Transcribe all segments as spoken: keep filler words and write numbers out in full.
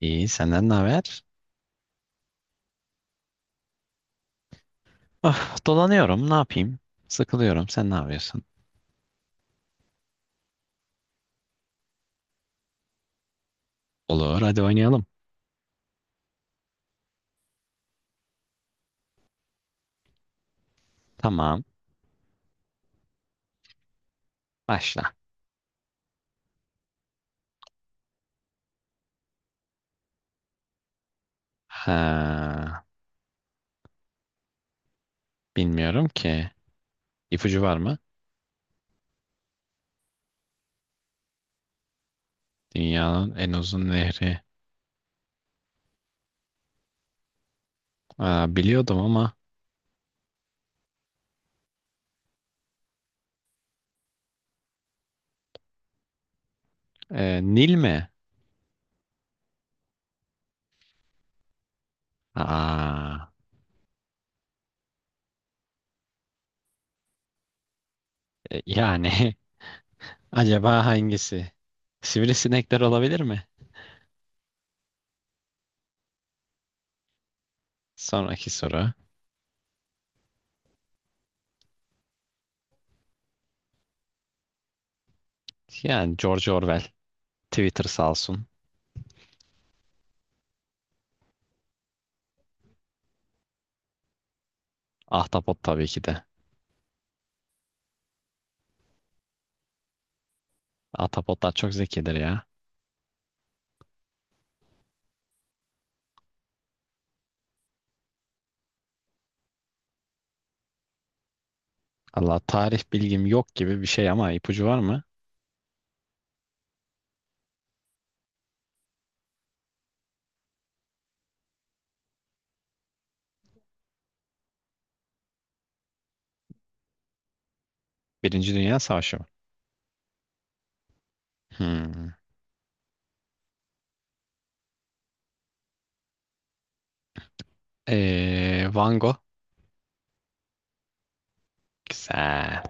İyi, senden ne haber? Ah, dolanıyorum, ne yapayım? Sıkılıyorum, sen ne yapıyorsun? Olur, hadi oynayalım. Tamam, başla. Ha, bilmiyorum ki. İpucu var mı? Dünyanın en uzun nehri. Aa, biliyordum ama e, Nil mi? Aa, e, yani acaba hangisi? Sivrisinekler olabilir mi? Sonraki soru. Yani George Orwell. Twitter sağ olsun. Ahtapot tabii ki de. Ahtapotlar çok zekidir ya. Allah, tarih bilgim yok gibi bir şey ama ipucu var mı? Birinci Dünya Savaşı mı? Hmm. Ee, Van Gogh. Güzel.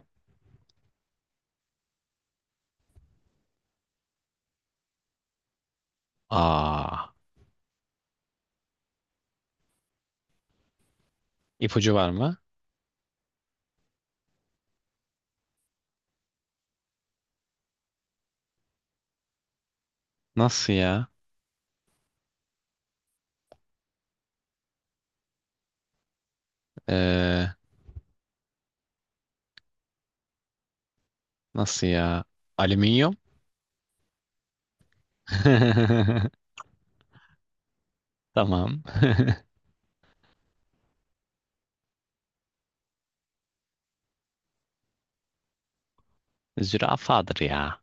Aa, ipucu var mı? Nasıl ya? Ee, nasıl ya? Alüminyum. Tamam. Zürafadır ya.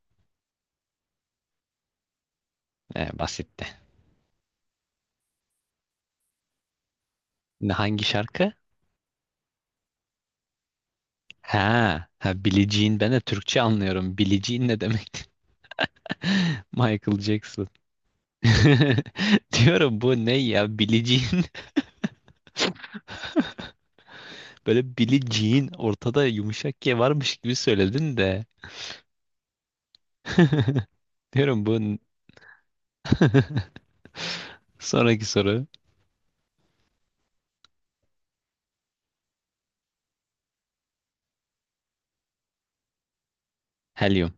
Ee, basitti. Ne- Hangi şarkı? Ha, ha Billie Jean. Ben de Türkçe anlıyorum. Billie Jean ne demek? Michael Jackson. Diyorum bu ne ya? Billie Jean. Böyle Billie Jean ortada yumuşak G varmış gibi söyledin de. Diyorum bu Sonraki soru. Helyum.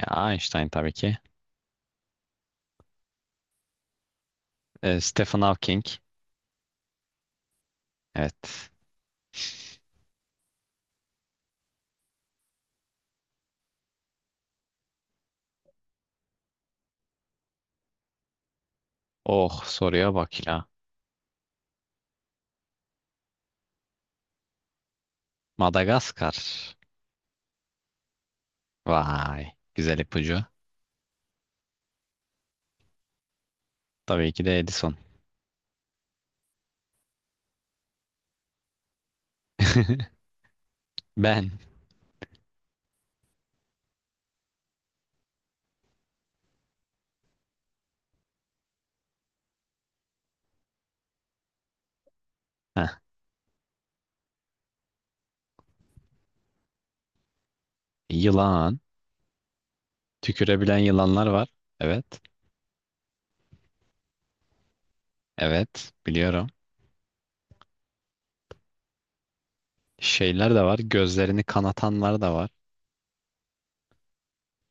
Ya Einstein tabii ki. Ee, Stephen Hawking. Evet. Oh, soruya bak ya. Madagaskar. Vay. Güzel ipucu. Tabii ki de Edison. Ben. Heh, yılan. Tükürebilen yılanlar var. Evet. Evet. Biliyorum. Şeyler de var. Gözlerini kanatanlar da var.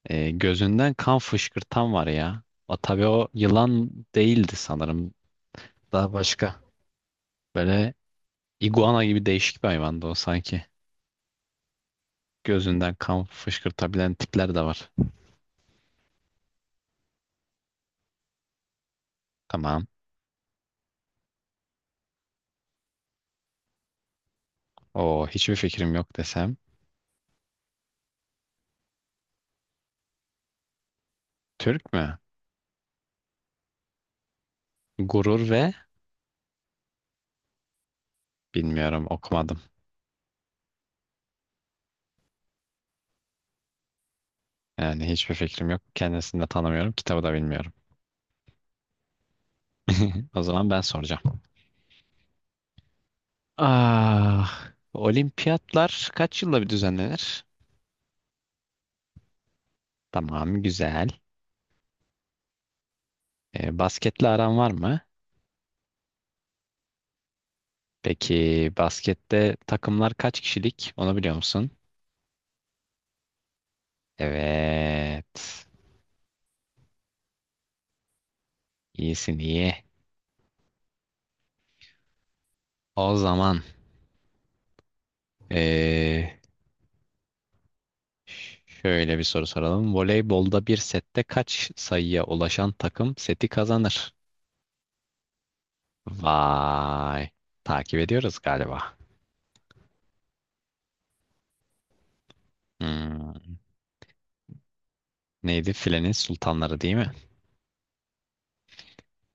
E, gözünden kan fışkırtan var ya. O, tabii o yılan değildi sanırım. Daha başka. Böyle iguana gibi değişik bir hayvandı o sanki. Gözünden kan fışkırtabilen tipler de var. Tamam. O, hiçbir fikrim yok desem. Türk mü? Gurur ve bilmiyorum, okumadım. Yani hiçbir fikrim yok. Kendisini de tanımıyorum. Kitabı da bilmiyorum. O zaman ben soracağım. Ah, olimpiyatlar kaç yılda bir düzenlenir? Tamam, güzel. E, basketle aran var mı? Peki baskette takımlar kaç kişilik? Onu biliyor musun? Evet. İyisin, iyi. O zaman eee, şöyle bir soru soralım. Voleybolda bir sette kaç sayıya ulaşan takım seti kazanır? Vay. Takip ediyoruz galiba. Hmm, neydi? Filenin sultanları değil mi?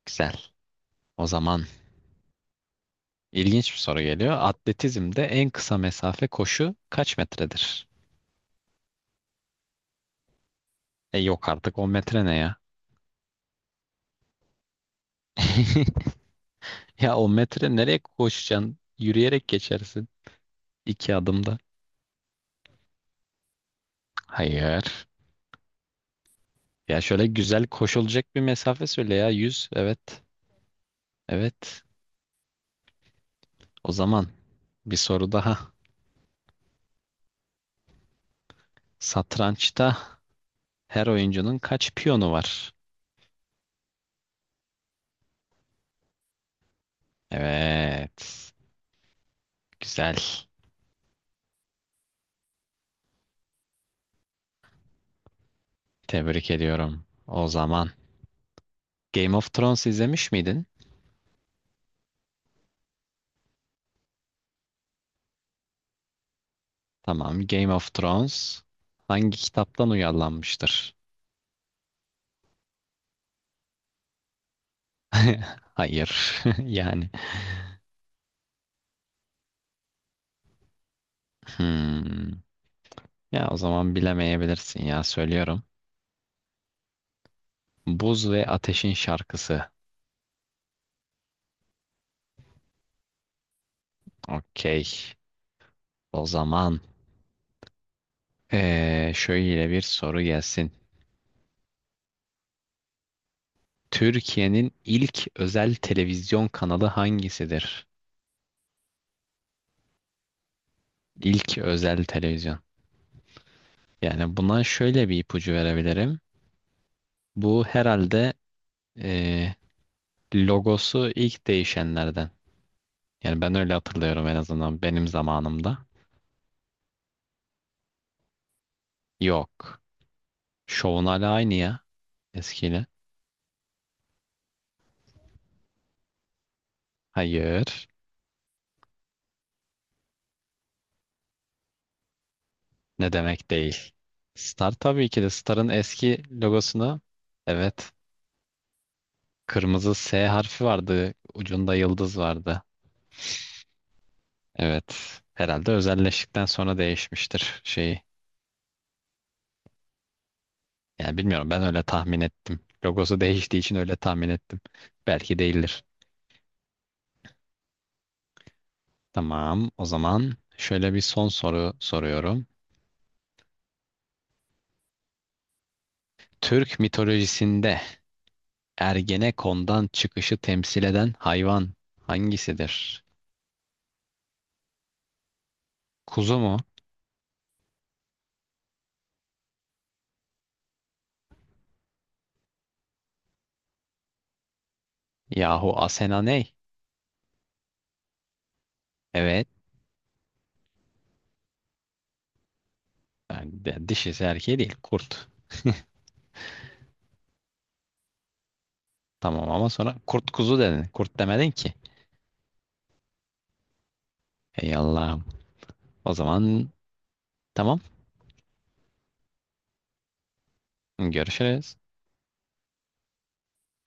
Güzel. O zaman ilginç bir soru geliyor. Atletizmde en kısa mesafe koşu kaç metredir? E, yok artık, on metre ne ya? Ya o metre nereye koşacaksın? Yürüyerek geçersin. İki adımda. Hayır. Ya şöyle güzel koşulacak bir mesafe söyle ya. Yüz. Evet. Evet. O zaman bir soru daha. Satrançta her oyuncunun kaç piyonu var? Evet. Güzel. Tebrik ediyorum. O zaman Game of Thrones izlemiş miydin? Tamam. Game of Thrones hangi kitaptan uyarlanmıştır? Hayır. Yani. Hmm. Ya o zaman bilemeyebilirsin ya, söylüyorum. Buz ve Ateşin Şarkısı. Okey. O zaman eee, şöyle bir soru gelsin. Türkiye'nin ilk özel televizyon kanalı hangisidir? İlk özel televizyon. Yani buna şöyle bir ipucu verebilirim. Bu herhalde eee, logosu ilk değişenlerden. Yani ben öyle hatırlıyorum, en azından benim zamanımda. Yok. Şovun hala aynı ya, eskiyle. Hayır. Ne demek değil? Star, tabii ki de, Star'ın eski logosunu, evet, kırmızı S harfi vardı. Ucunda yıldız vardı. Evet. Herhalde özelleştikten sonra değişmiştir şeyi. Yani bilmiyorum, ben öyle tahmin ettim. Logosu değiştiği için öyle tahmin ettim. Belki değildir. Tamam, o zaman şöyle bir son soru soruyorum. Türk mitolojisinde Ergenekon'dan çıkışı temsil eden hayvan hangisidir? Kuzu mu? Yahu Asena ney? Evet. Yani de- dişisi erkeği değil. Kurt. Tamam ama sonra kurt kuzu dedin. Kurt demedin ki. Ey Allah'ım. O zaman tamam. Görüşürüz.